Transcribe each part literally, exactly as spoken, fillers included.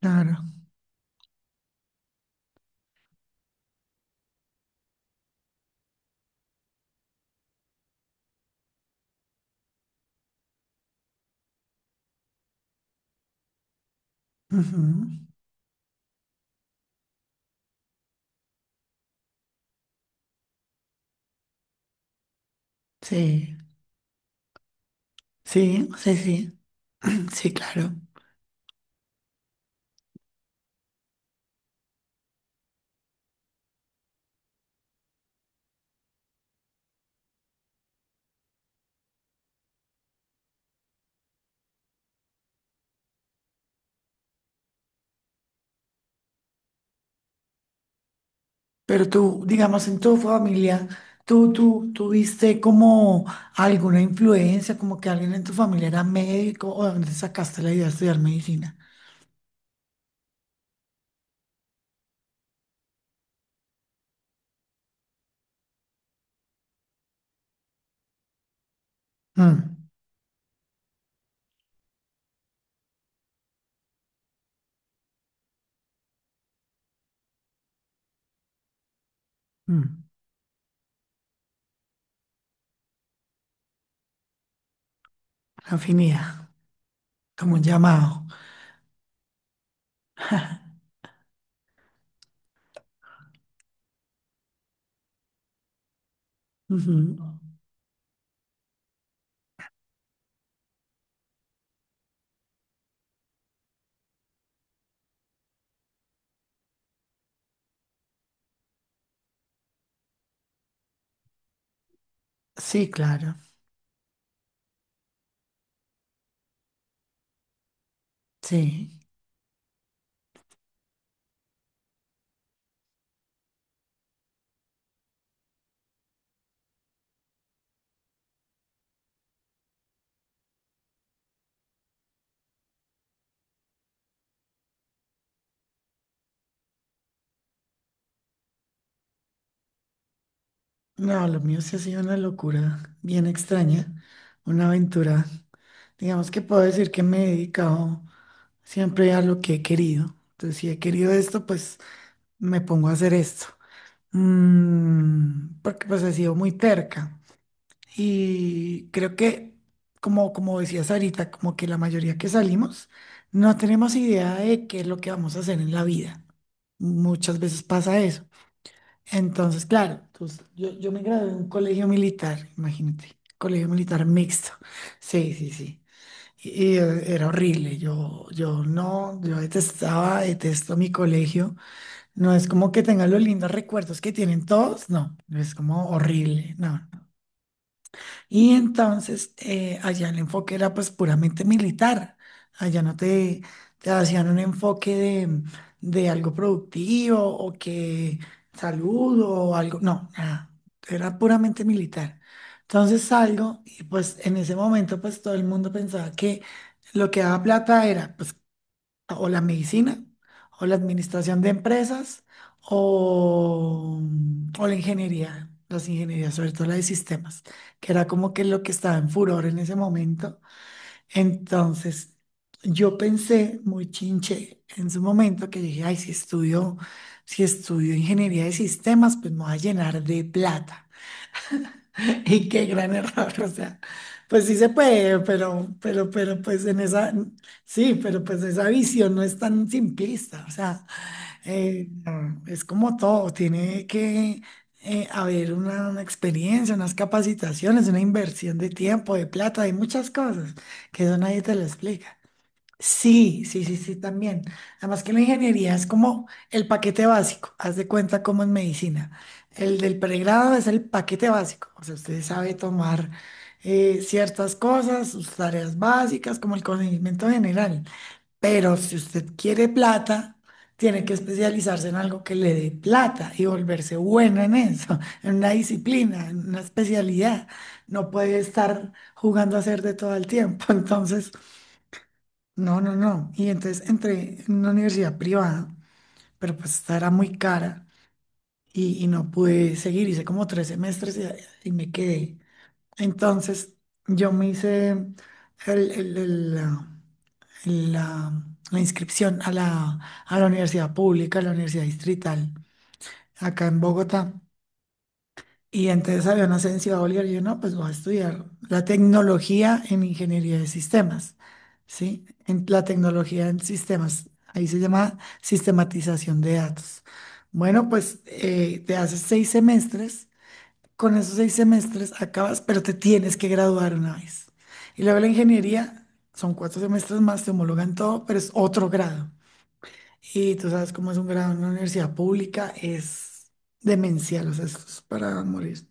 Claro. Ujú. Sí, sí, sí, sí. Sí, claro. Pero tú, digamos, en tu familia, tú, tú, tuviste como alguna influencia, como que alguien en tu familia era médico, o de dónde sacaste la idea de estudiar medicina. Mm, mm. Afinidad, como un llamado. Ujú. Sí, claro. Sí. No, lo mío sí ha sido una locura bien extraña, una aventura. Digamos que puedo decir que me he dedicado. Siempre hay algo que he querido. Entonces, si he querido esto, pues me pongo a hacer esto. Mm, porque pues he sido muy terca. Y creo que, como, como decías ahorita, como que la mayoría que salimos no tenemos idea de qué es lo que vamos a hacer en la vida. Muchas veces pasa eso. Entonces, claro, pues, yo, yo me gradué en un colegio militar, imagínate, colegio militar mixto. Sí, sí, sí. Y eh, era horrible, yo, yo no, yo detestaba, detesto mi colegio. No es como que tenga los lindos recuerdos que tienen todos, no, es como horrible, no. Y entonces eh, allá el enfoque era pues puramente militar. Allá no te, te hacían un enfoque de, de algo productivo o que salud o algo. No, nada. Era puramente militar. Entonces salgo y pues en ese momento pues todo el mundo pensaba que lo que daba plata era pues o la medicina, o la administración de empresas, o, o la ingeniería, las ingenierías, sobre todo la de sistemas, que era como que lo que estaba en furor en ese momento. Entonces, yo pensé muy chinche en su momento que dije, ay, si estudio, si estudio ingeniería de sistemas, pues me voy a llenar de plata. Y qué gran error, o sea, pues sí se puede, pero, pero, pero, pues en esa, sí, pero pues esa visión no es tan simplista, o sea, eh, no, es como todo, tiene que eh, haber una, una experiencia, unas capacitaciones, una inversión de tiempo, de plata, hay muchas cosas que eso nadie te lo explica. Sí, sí, sí, sí, también. Además que la ingeniería es como el paquete básico, haz de cuenta como en medicina. El del pregrado es el paquete básico, o sea, usted sabe tomar eh, ciertas cosas, sus tareas básicas, como el conocimiento general. Pero si usted quiere plata, tiene que especializarse en algo que le dé plata y volverse buena en eso, en una disciplina, en una especialidad. No puede estar jugando a hacer de todo el tiempo. Entonces... No, no, no. Y entonces entré en una universidad privada, pero pues esta era muy cara y, y no pude seguir. Hice como tres semestres y, y me quedé. Entonces yo me hice el- el- el, la, la- la inscripción a la, a la universidad pública, a la universidad distrital, acá en Bogotá. Y entonces había una licenciatura Bolívar, y yo no, pues voy a estudiar la tecnología en ingeniería de sistemas, ¿sí? En la tecnología en sistemas, ahí se llama sistematización de datos. Bueno, pues eh, te haces seis semestres, con esos seis semestres acabas, pero te tienes que graduar una vez. Y luego la ingeniería, son cuatro semestres más, te homologan todo, pero es otro grado. Y tú sabes cómo es un grado en una universidad pública, es demencial, o sea, esto es para morir.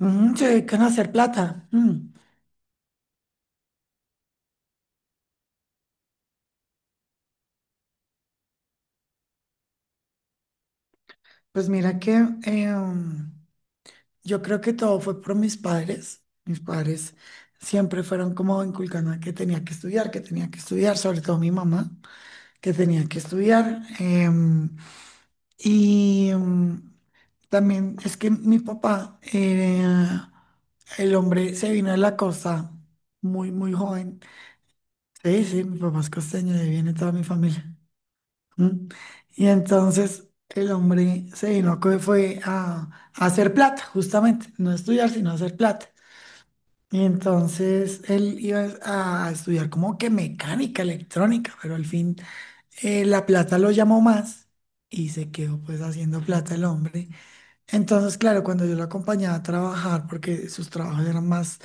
Mm, se dedican a hacer plata. Mm. Pues mira que eh, yo creo que todo fue por mis padres. Mis padres siempre fueron como inculcando que tenía que estudiar, que tenía que estudiar, sobre todo mi mamá, que tenía que estudiar. Em, y em, también es que mi papá, eh, el hombre se vino de la costa muy, muy joven. Sí, sí, mi papá es costeño, de ahí viene toda mi familia. ¿Mm? Y entonces el hombre se vino, que fue a, a hacer plata, justamente, no estudiar, sino hacer plata. Y entonces él iba a estudiar como que mecánica, electrónica, pero al fin eh, la plata lo llamó más y se quedó pues haciendo plata el hombre. Entonces, claro, cuando yo lo acompañaba a trabajar, porque sus trabajos eran más,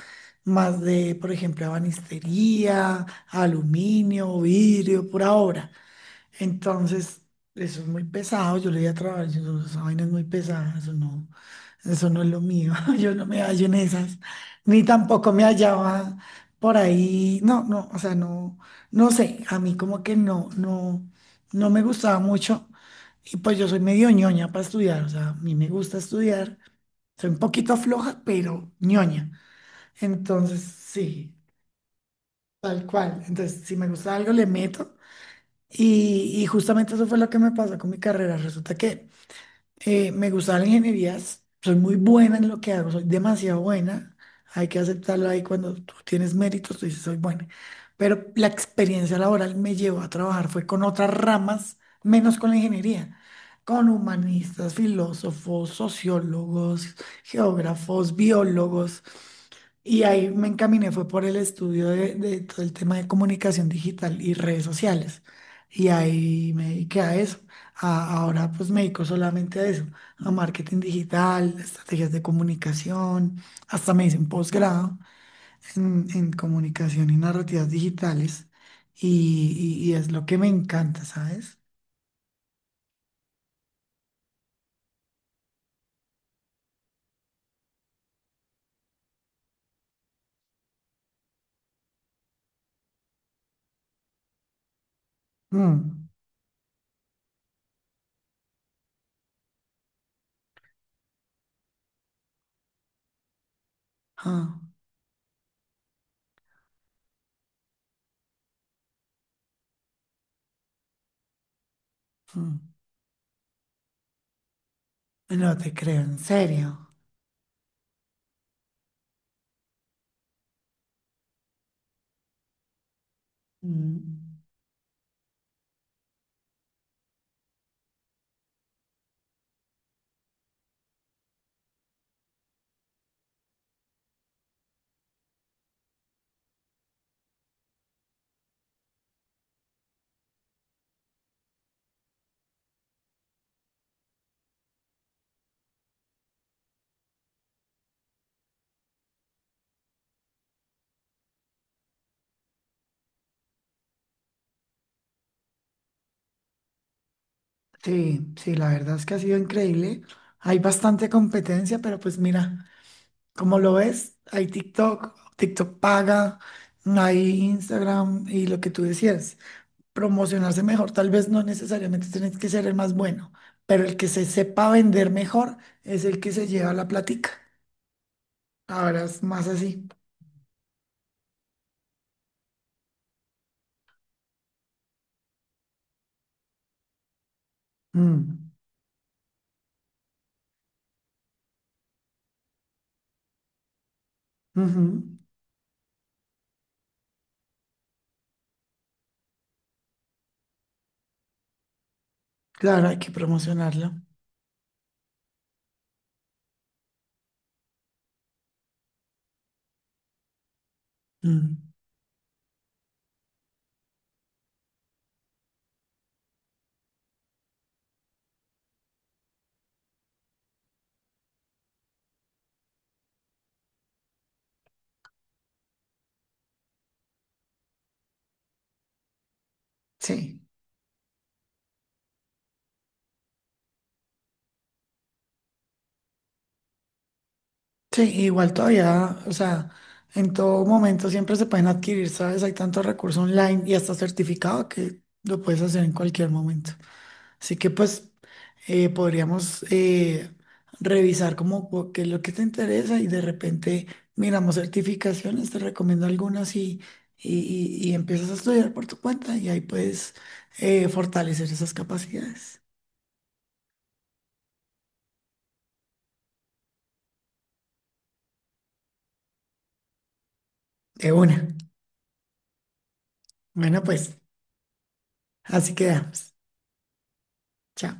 más de, por ejemplo, ebanistería, aluminio, vidrio, pura obra. Entonces, eso es muy pesado, yo le di a trabajar, yo, no- esa vaina es muy pesada, eso no, eso no es lo mío, yo no me hallo en esas, ni tampoco me hallaba por ahí, no, no, o sea, no, no sé, a mí como que no, no, no me gustaba mucho, y pues yo soy medio ñoña para estudiar, o sea, a mí me gusta estudiar, soy un poquito floja, pero ñoña, entonces sí, tal cual, entonces si me gusta algo le meto. Y, y justamente eso fue lo que me pasó con mi carrera. Resulta que eh, me gustaban las ingenierías, soy muy buena en lo que hago, soy demasiado buena. Hay que aceptarlo ahí cuando tú tienes méritos, tú dices, soy buena. Pero la experiencia laboral me llevó a trabajar, fue con otras ramas, menos con la ingeniería, con humanistas, filósofos, sociólogos, geógrafos, biólogos. Y ahí me encaminé, fue por el estudio de, de todo el tema de comunicación digital y redes sociales. Y ahí me dediqué a eso. A- ahora pues me dedico solamente a eso, a marketing digital, estrategias de comunicación, hasta me hice un posgrado en, en comunicación y narrativas digitales. Y, y- y es lo que me encanta, ¿sabes? Mm, ah, mm. No te creo, en serio. Mm. Sí, sí, la verdad es que ha sido increíble. Hay bastante competencia, pero pues mira, como lo ves, hay TikTok, TikTok paga, hay Instagram y lo que tú decías, promocionarse mejor, tal vez no necesariamente tienes que ser el más bueno, pero el que se sepa vender mejor es el que se lleva la platica. Ahora es más así. Mm, ujú. Claro, hay que promocionarlo. Mm, sí. Sí, igual todavía, o sea, en todo momento siempre se pueden adquirir, ¿sabes? Hay tantos recursos online y hasta certificado que lo puedes hacer en cualquier momento. Así que pues eh, podríamos eh, revisar como cu- qué es lo que te interesa y de repente miramos certificaciones, te recomiendo algunas y, y, y- y empiezas a estudiar por tu cuenta y ahí puedes eh, fortalecer esas capacidades. De una. Bueno, pues así quedamos. Chao.